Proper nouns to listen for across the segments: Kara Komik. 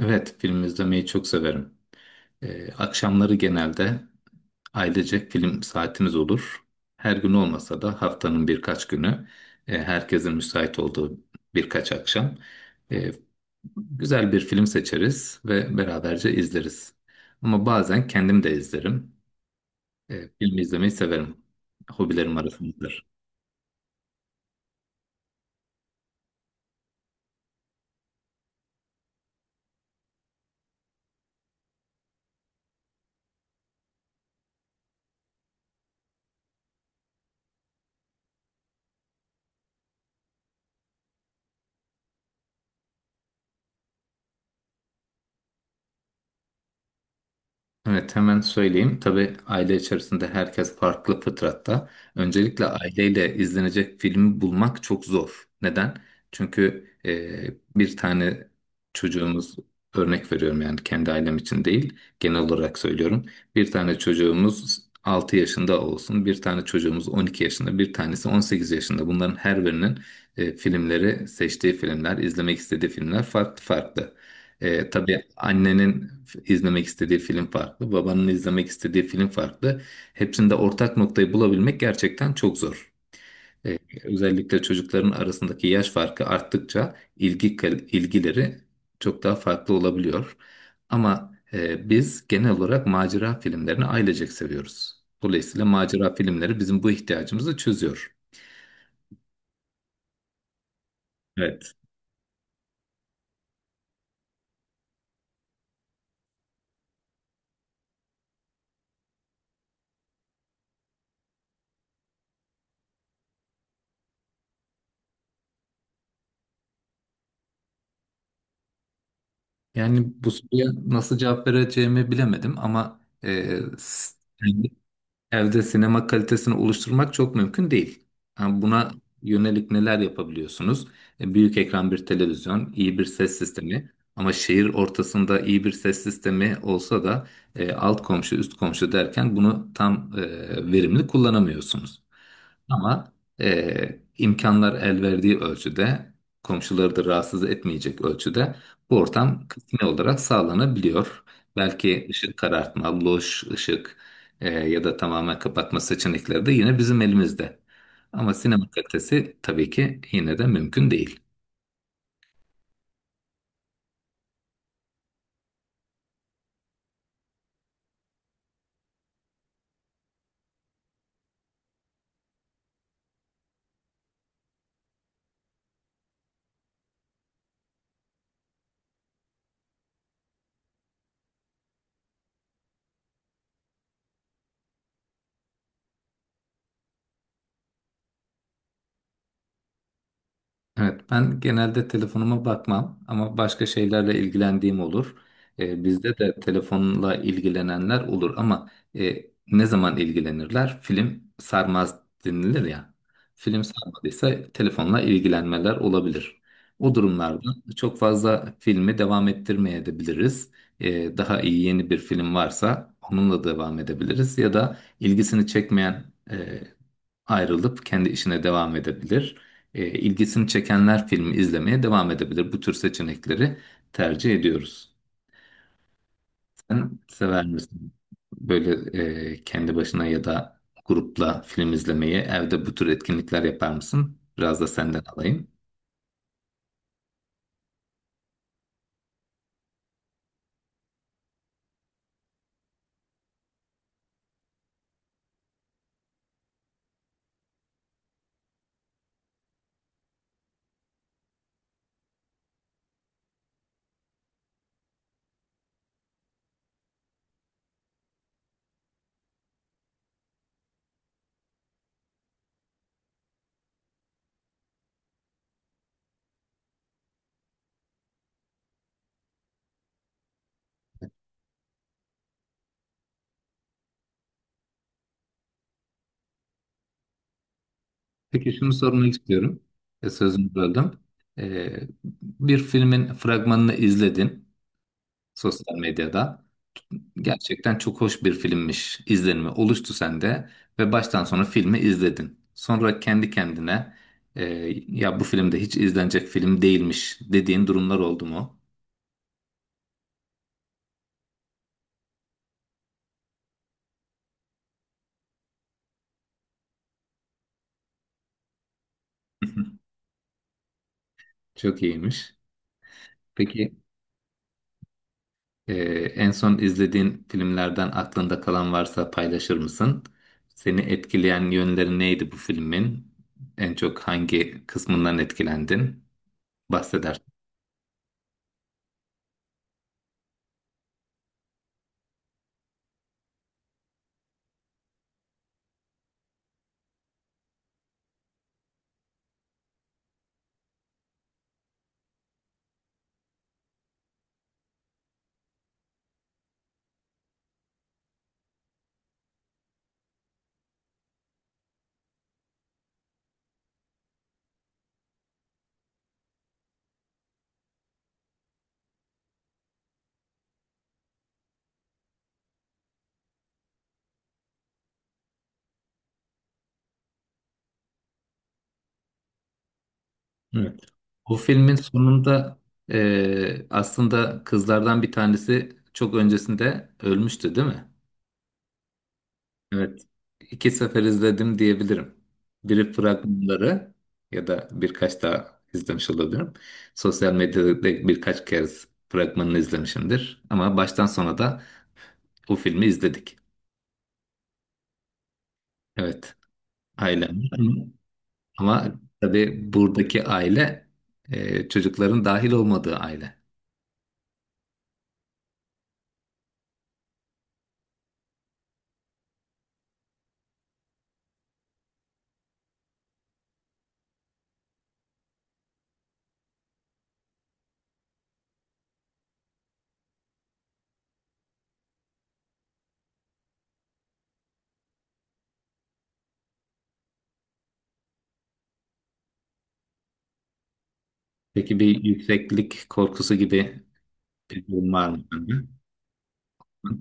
Evet, film izlemeyi çok severim. Akşamları genelde ailecek film saatimiz olur. Her gün olmasa da haftanın birkaç günü, herkesin müsait olduğu birkaç akşam e, güzel bir film seçeriz ve beraberce izleriz. Ama bazen kendim de izlerim. Film izlemeyi severim. Hobilerim arasındadır. Evet, hemen söyleyeyim. Tabii aile içerisinde herkes farklı fıtratta. Öncelikle aileyle izlenecek filmi bulmak çok zor. Neden? Çünkü bir tane çocuğumuz, örnek veriyorum yani kendi ailem için değil, genel olarak söylüyorum. Bir tane çocuğumuz 6 yaşında olsun, bir tane çocuğumuz 12 yaşında, bir tanesi 18 yaşında. Bunların her birinin filmleri, seçtiği filmler, izlemek istediği filmler farklı farklı. Tabii annenin izlemek istediği film farklı, babanın izlemek istediği film farklı. Hepsinde ortak noktayı bulabilmek gerçekten çok zor. Özellikle çocukların arasındaki yaş farkı arttıkça ilgileri çok daha farklı olabiliyor. Ama biz genel olarak macera filmlerini ailecek seviyoruz. Dolayısıyla macera filmleri bizim bu ihtiyacımızı çözüyor. Evet. Yani bu soruya nasıl cevap vereceğimi bilemedim ama evde sinema kalitesini oluşturmak çok mümkün değil. Yani buna yönelik neler yapabiliyorsunuz? E, büyük ekran bir televizyon, iyi bir ses sistemi ama şehir ortasında iyi bir ses sistemi olsa da, alt komşu, üst komşu derken bunu tam verimli kullanamıyorsunuz. Ama imkanlar el verdiği ölçüde, komşuları da rahatsız etmeyecek ölçüde bu ortam kısmi olarak sağlanabiliyor. Belki ışık karartma, loş ışık, ya da tamamen kapatma seçenekleri de yine bizim elimizde. Ama sinema kalitesi tabii ki yine de mümkün değil. Evet, ben genelde telefonuma bakmam ama başka şeylerle ilgilendiğim olur. Bizde de telefonla ilgilenenler olur ama, ne zaman ilgilenirler? Film sarmaz denilir ya. Film sarmadıysa telefonla ilgilenmeler olabilir. O durumlarda çok fazla filmi devam ettirmeyebiliriz. Daha iyi yeni bir film varsa onunla devam edebiliriz ya da ilgisini çekmeyen ayrılıp kendi işine devam edebilir. E, ilgisini çekenler filmi izlemeye devam edebilir. Bu tür seçenekleri tercih ediyoruz. Sen sever misin böyle, kendi başına ya da grupla film izlemeyi, evde bu tür etkinlikler yapar mısın? Biraz da senden alayım. Peki şunu sormak istiyorum. E, sözünü böldüm. E, bir filmin fragmanını izledin sosyal medyada. Gerçekten çok hoş bir filmmiş izlenimi oluştu sende ve baştan sona filmi izledin. Sonra kendi kendine e, ya bu filmde hiç izlenecek film değilmiş dediğin durumlar oldu mu? Çok iyiymiş. Peki e, en son izlediğin filmlerden aklında kalan varsa paylaşır mısın? Seni etkileyen yönleri neydi bu filmin? En çok hangi kısmından etkilendin? Bahseder. O filmin sonunda, aslında kızlardan bir tanesi çok öncesinde ölmüştü, değil mi? Evet. İki sefer izledim diyebilirim. Biri fragmanları ya da birkaç daha izlemiş olabilirim. Sosyal medyada birkaç kez fragmanını izlemişimdir. Ama baştan sona da o filmi izledik. Evet, ailem. Ama tabii buradaki aile, çocukların dahil olmadığı aile. Peki bir yükseklik korkusu gibi bilgin var mı sende? Hı?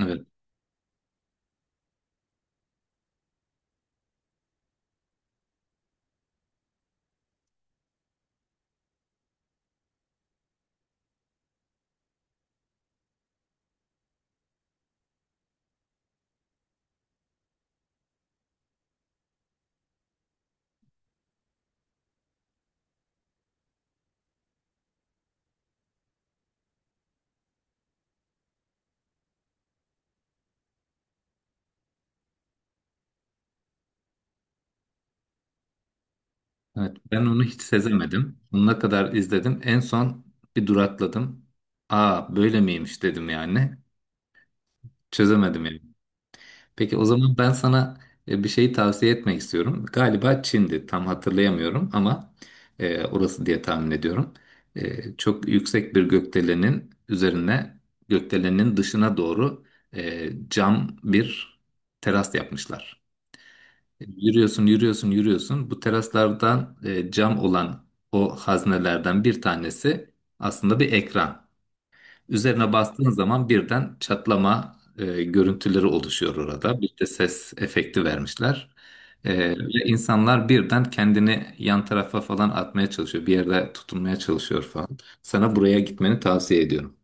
Evet. Evet. Ben onu hiç sezemedim. Sonuna kadar izledim. En son bir durakladım. Aa, böyle miymiş dedim yani. Çözemedim yani. Peki o zaman ben sana, bir şeyi tavsiye etmek istiyorum. Galiba Çin'di. Tam hatırlayamıyorum ama, orası diye tahmin ediyorum. E, çok yüksek bir gökdelenin üzerine, gökdelenin dışına doğru, cam bir teras yapmışlar. Yürüyorsun, yürüyorsun, yürüyorsun. Bu teraslardan, cam olan o haznelerden bir tanesi aslında bir ekran. Üzerine bastığın zaman birden çatlama görüntüleri oluşuyor orada. Bir de ses efekti vermişler. E, ve insanlar birden kendini yan tarafa falan atmaya çalışıyor. Bir yerde tutunmaya çalışıyor falan. Sana buraya gitmeni tavsiye ediyorum.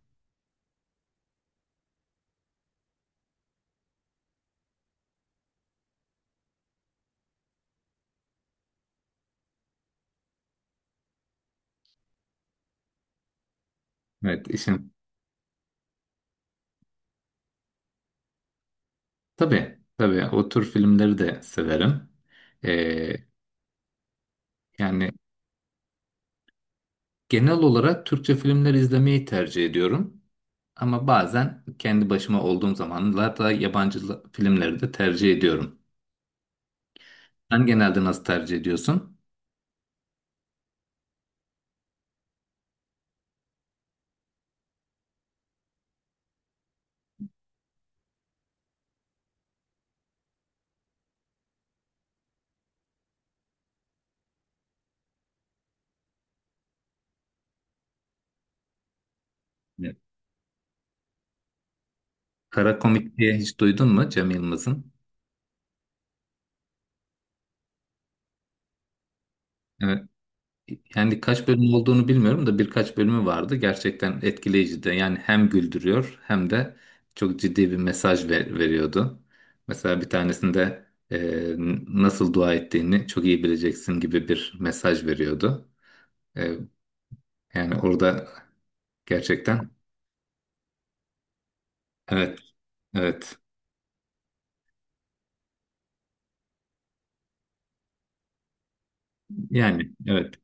Evet, işin... Tabii, tabii o tür filmleri de severim. E, yani... Genel olarak Türkçe filmler izlemeyi tercih ediyorum. Ama bazen kendi başıma olduğum zamanlarda filmleri de tercih ediyorum. Sen genelde nasıl tercih ediyorsun? Evet. Kara Komik diye hiç duydun mu Cem Yılmaz'ın? Evet. Yani kaç bölüm olduğunu bilmiyorum da birkaç bölümü vardı. Gerçekten etkileyici de. Yani hem güldürüyor hem de çok ciddi bir mesaj veriyordu. Mesela bir tanesinde e, nasıl dua ettiğini çok iyi bileceksin gibi bir mesaj veriyordu. E, Yani orada gerçekten evet, evet. Yani evet.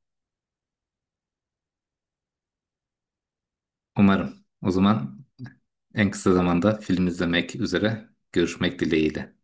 Umarım. O zaman en kısa zamanda film izlemek üzere görüşmek dileğiyle.